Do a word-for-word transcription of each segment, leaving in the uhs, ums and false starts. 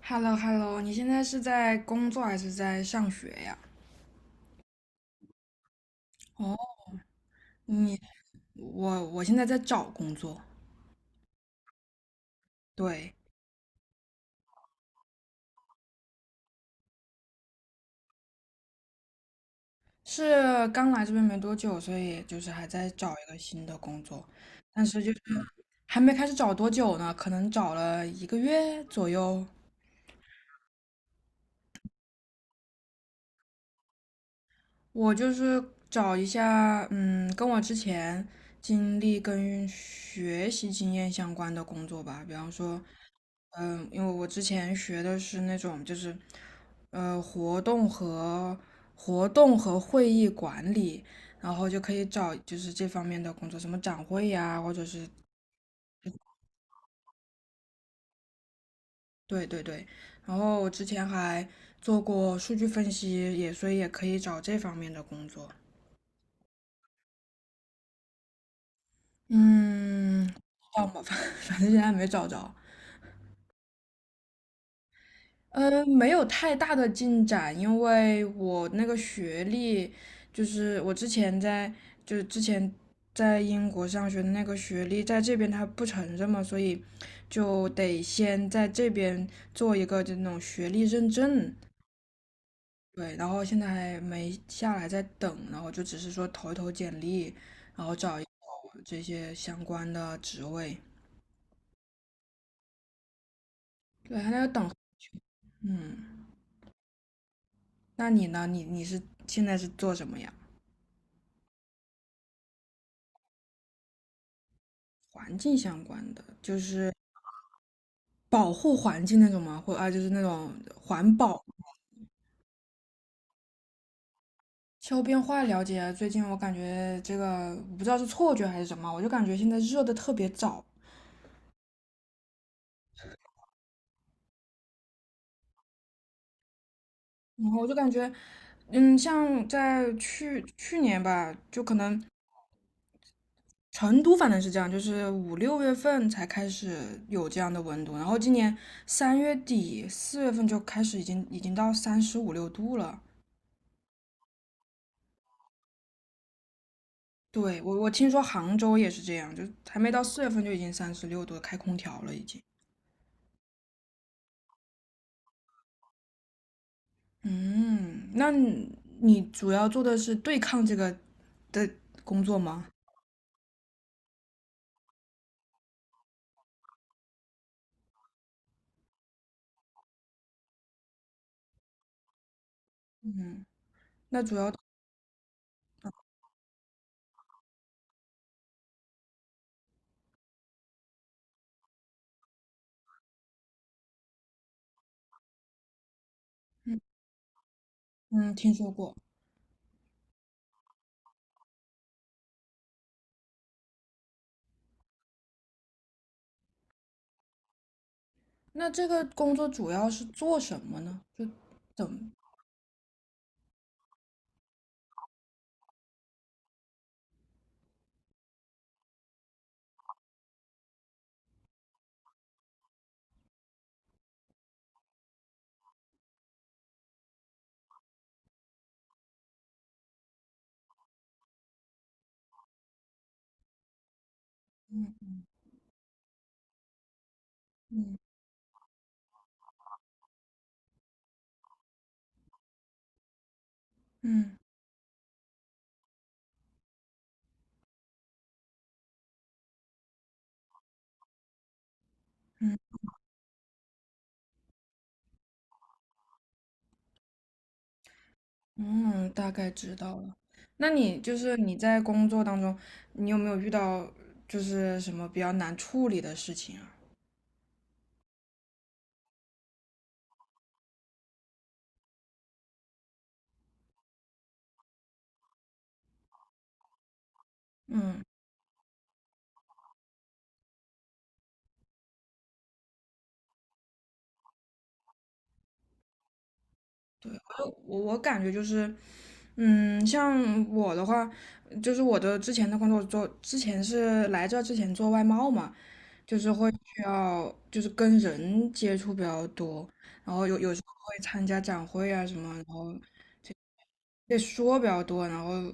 h e l l o h e l l o 你现在是在工作还是在上学呀？哦，你，我我现在在找工作。对，是刚来这边没多久，所以就是还在找一个新的工作，但是就是还没开始找多久呢，可能找了一个月左右。我就是找一下，嗯，跟我之前经历跟学习经验相关的工作吧。比方说，嗯，因为我之前学的是那种就是，呃，活动和活动和会议管理，然后就可以找就是这方面的工作，什么展会呀，或者是。对对对。然后我之前还做过数据分析，也所以也可以找这方面的工作。嗯，不知道嘛，反 反正现在没找着。呃，没有太大的进展，因为我那个学历，就是我之前在，就是之前在英国上学的那个学历，在这边他不承认嘛，所以就得先在这边做一个就那种学历认证。对，然后现在还没下来，在等，然后就只是说投一投简历，然后找一找这些相关的职位。对，还在等，嗯。那你呢？你你是现在是做什么呀？环境相关的，就是保护环境那种吗？或啊，就是那种环保。气候变化了解啊，最近我感觉这个我不知道是错觉还是什么，我就感觉现在热的特别早，然后我就感觉，嗯，像在去去年吧，就可能成都反正是这样，就是五六月份才开始有这样的温度，然后今年三月底四月份就开始已经已经到三十五六度了。对，我我听说杭州也是这样，就还没到四月份就已经三十六度了开空调了已经。嗯，那你你主要做的是对抗这个的工作吗？嗯，那主要嗯听说过。那这个工作主要是做什么呢？就怎么嗯嗯嗯，大概知道了。那你就是你在工作当中，你有没有遇到就是什么比较难处理的事情啊？嗯，呃我我感觉就是嗯，像我的话，就是我的之前的工作做，之前是来这之前做外贸嘛，就是会需要就是跟人接触比较多，然后有有时候会参加展会啊什么，然后也说比较多，然后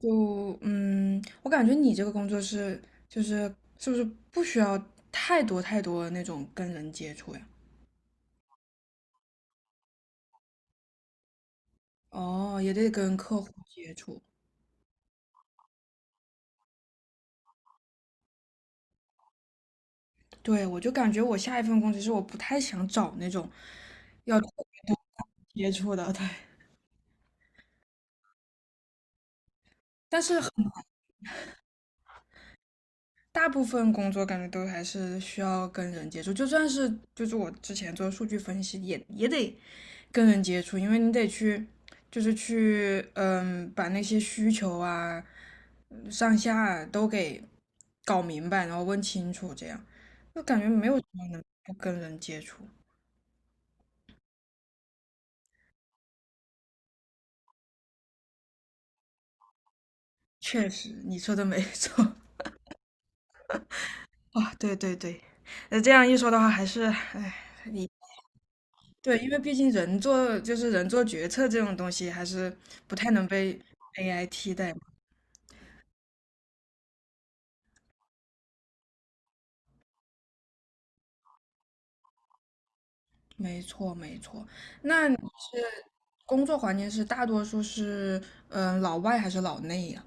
就嗯，我感觉你这个工作是就是是不是不需要太多太多那种跟人接触呀？哦，也得跟客户接触。对，我就感觉我下一份工，其实我不太想找那种要特别多接触的，对。但是很大部分工作感觉都还是需要跟人接触，就算是就是我之前做数据分析也也得跟人接触，因为你得去就是去嗯把那些需求啊嗯上下啊都给搞明白，然后问清楚，这样就感觉没有什么能不跟人接触。确实，你说的没错。啊，对对对，那这样一说的话，还是，哎，你对，因为毕竟人做就是人做决策这种东西，还是不太能被 A I 替代嘛。没错，没错。那你工作环境是大多数是，嗯、老外还是老内呀？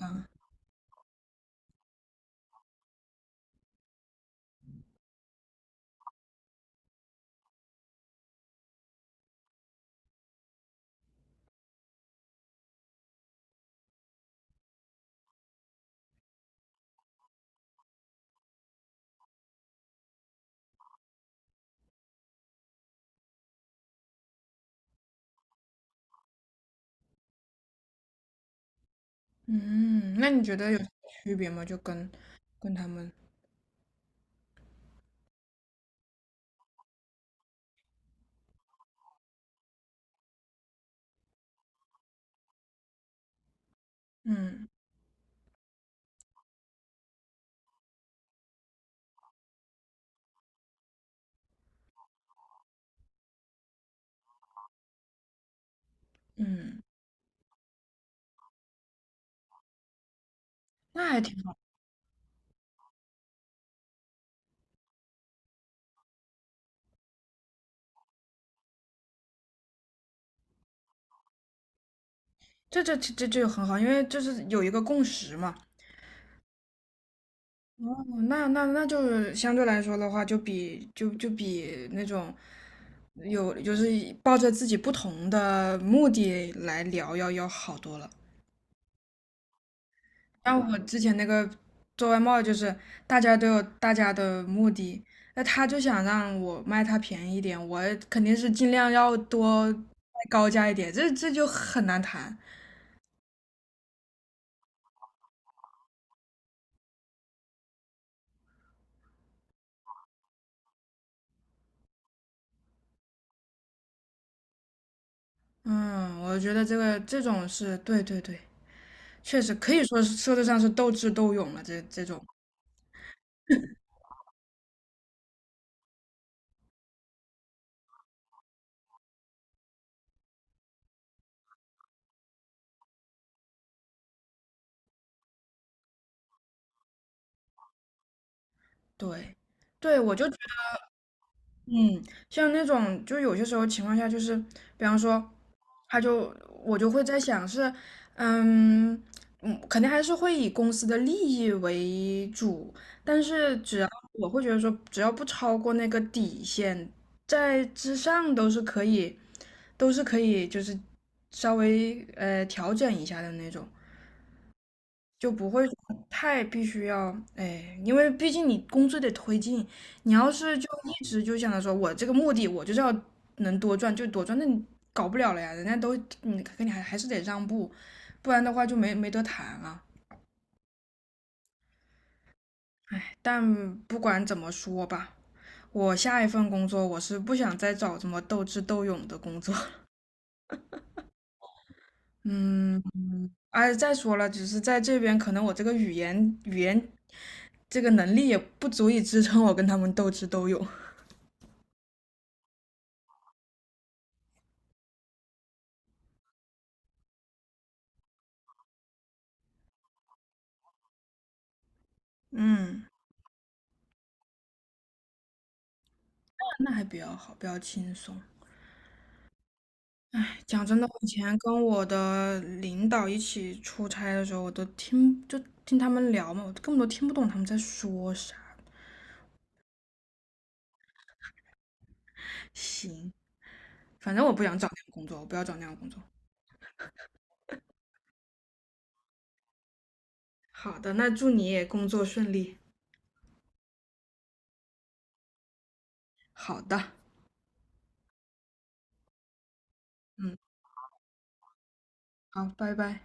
啊，嗯，那你觉得有区别吗？就跟跟他们，嗯嗯，那还挺好，这这这这就很好，因为就是有一个共识嘛。哦，那那那就是相对来说的话，就比就就比那种有就是抱着自己不同的目的来聊要要好多了。像我之前那个做外贸，就是大家都有大家的目的，那他就想让我卖他便宜一点，我肯定是尽量要多卖高价一点，这这就很难谈。嗯，我觉得这个这种是对对对，确实可以说是说得上是斗智斗勇了，这这种。对，对，我就觉得嗯，像那种，就有些时候情况下，就是比方说，他就我就会在想是，嗯嗯，肯定还是会以公司的利益为主，但是只要我会觉得说，只要不超过那个底线，在之上都是可以，都是可以，就是稍微呃调整一下的那种。就不会说太必须要，哎，因为毕竟你工作得推进，你要是就一直就想着说我这个目的我就是要能多赚就多赚，那你搞不了了呀，人家都你跟你还还是得让步，不然的话就没没得谈了。但不管怎么说吧，我下一份工作我是不想再找这么斗智斗勇的工作。嗯，而且再说了，只是在这边可能我这个语言语言这个能力也不足以支撑我跟他们斗智斗勇。嗯。那还比较好，比较轻松。讲真的，我以前跟我的领导一起出差的时候，我都听就听他们聊嘛，我根本都听不懂他们在说啥。行，反正我不想找那样工作，我不要找那样工作。好的，那祝你也工作顺利。好的，嗯，好，拜拜。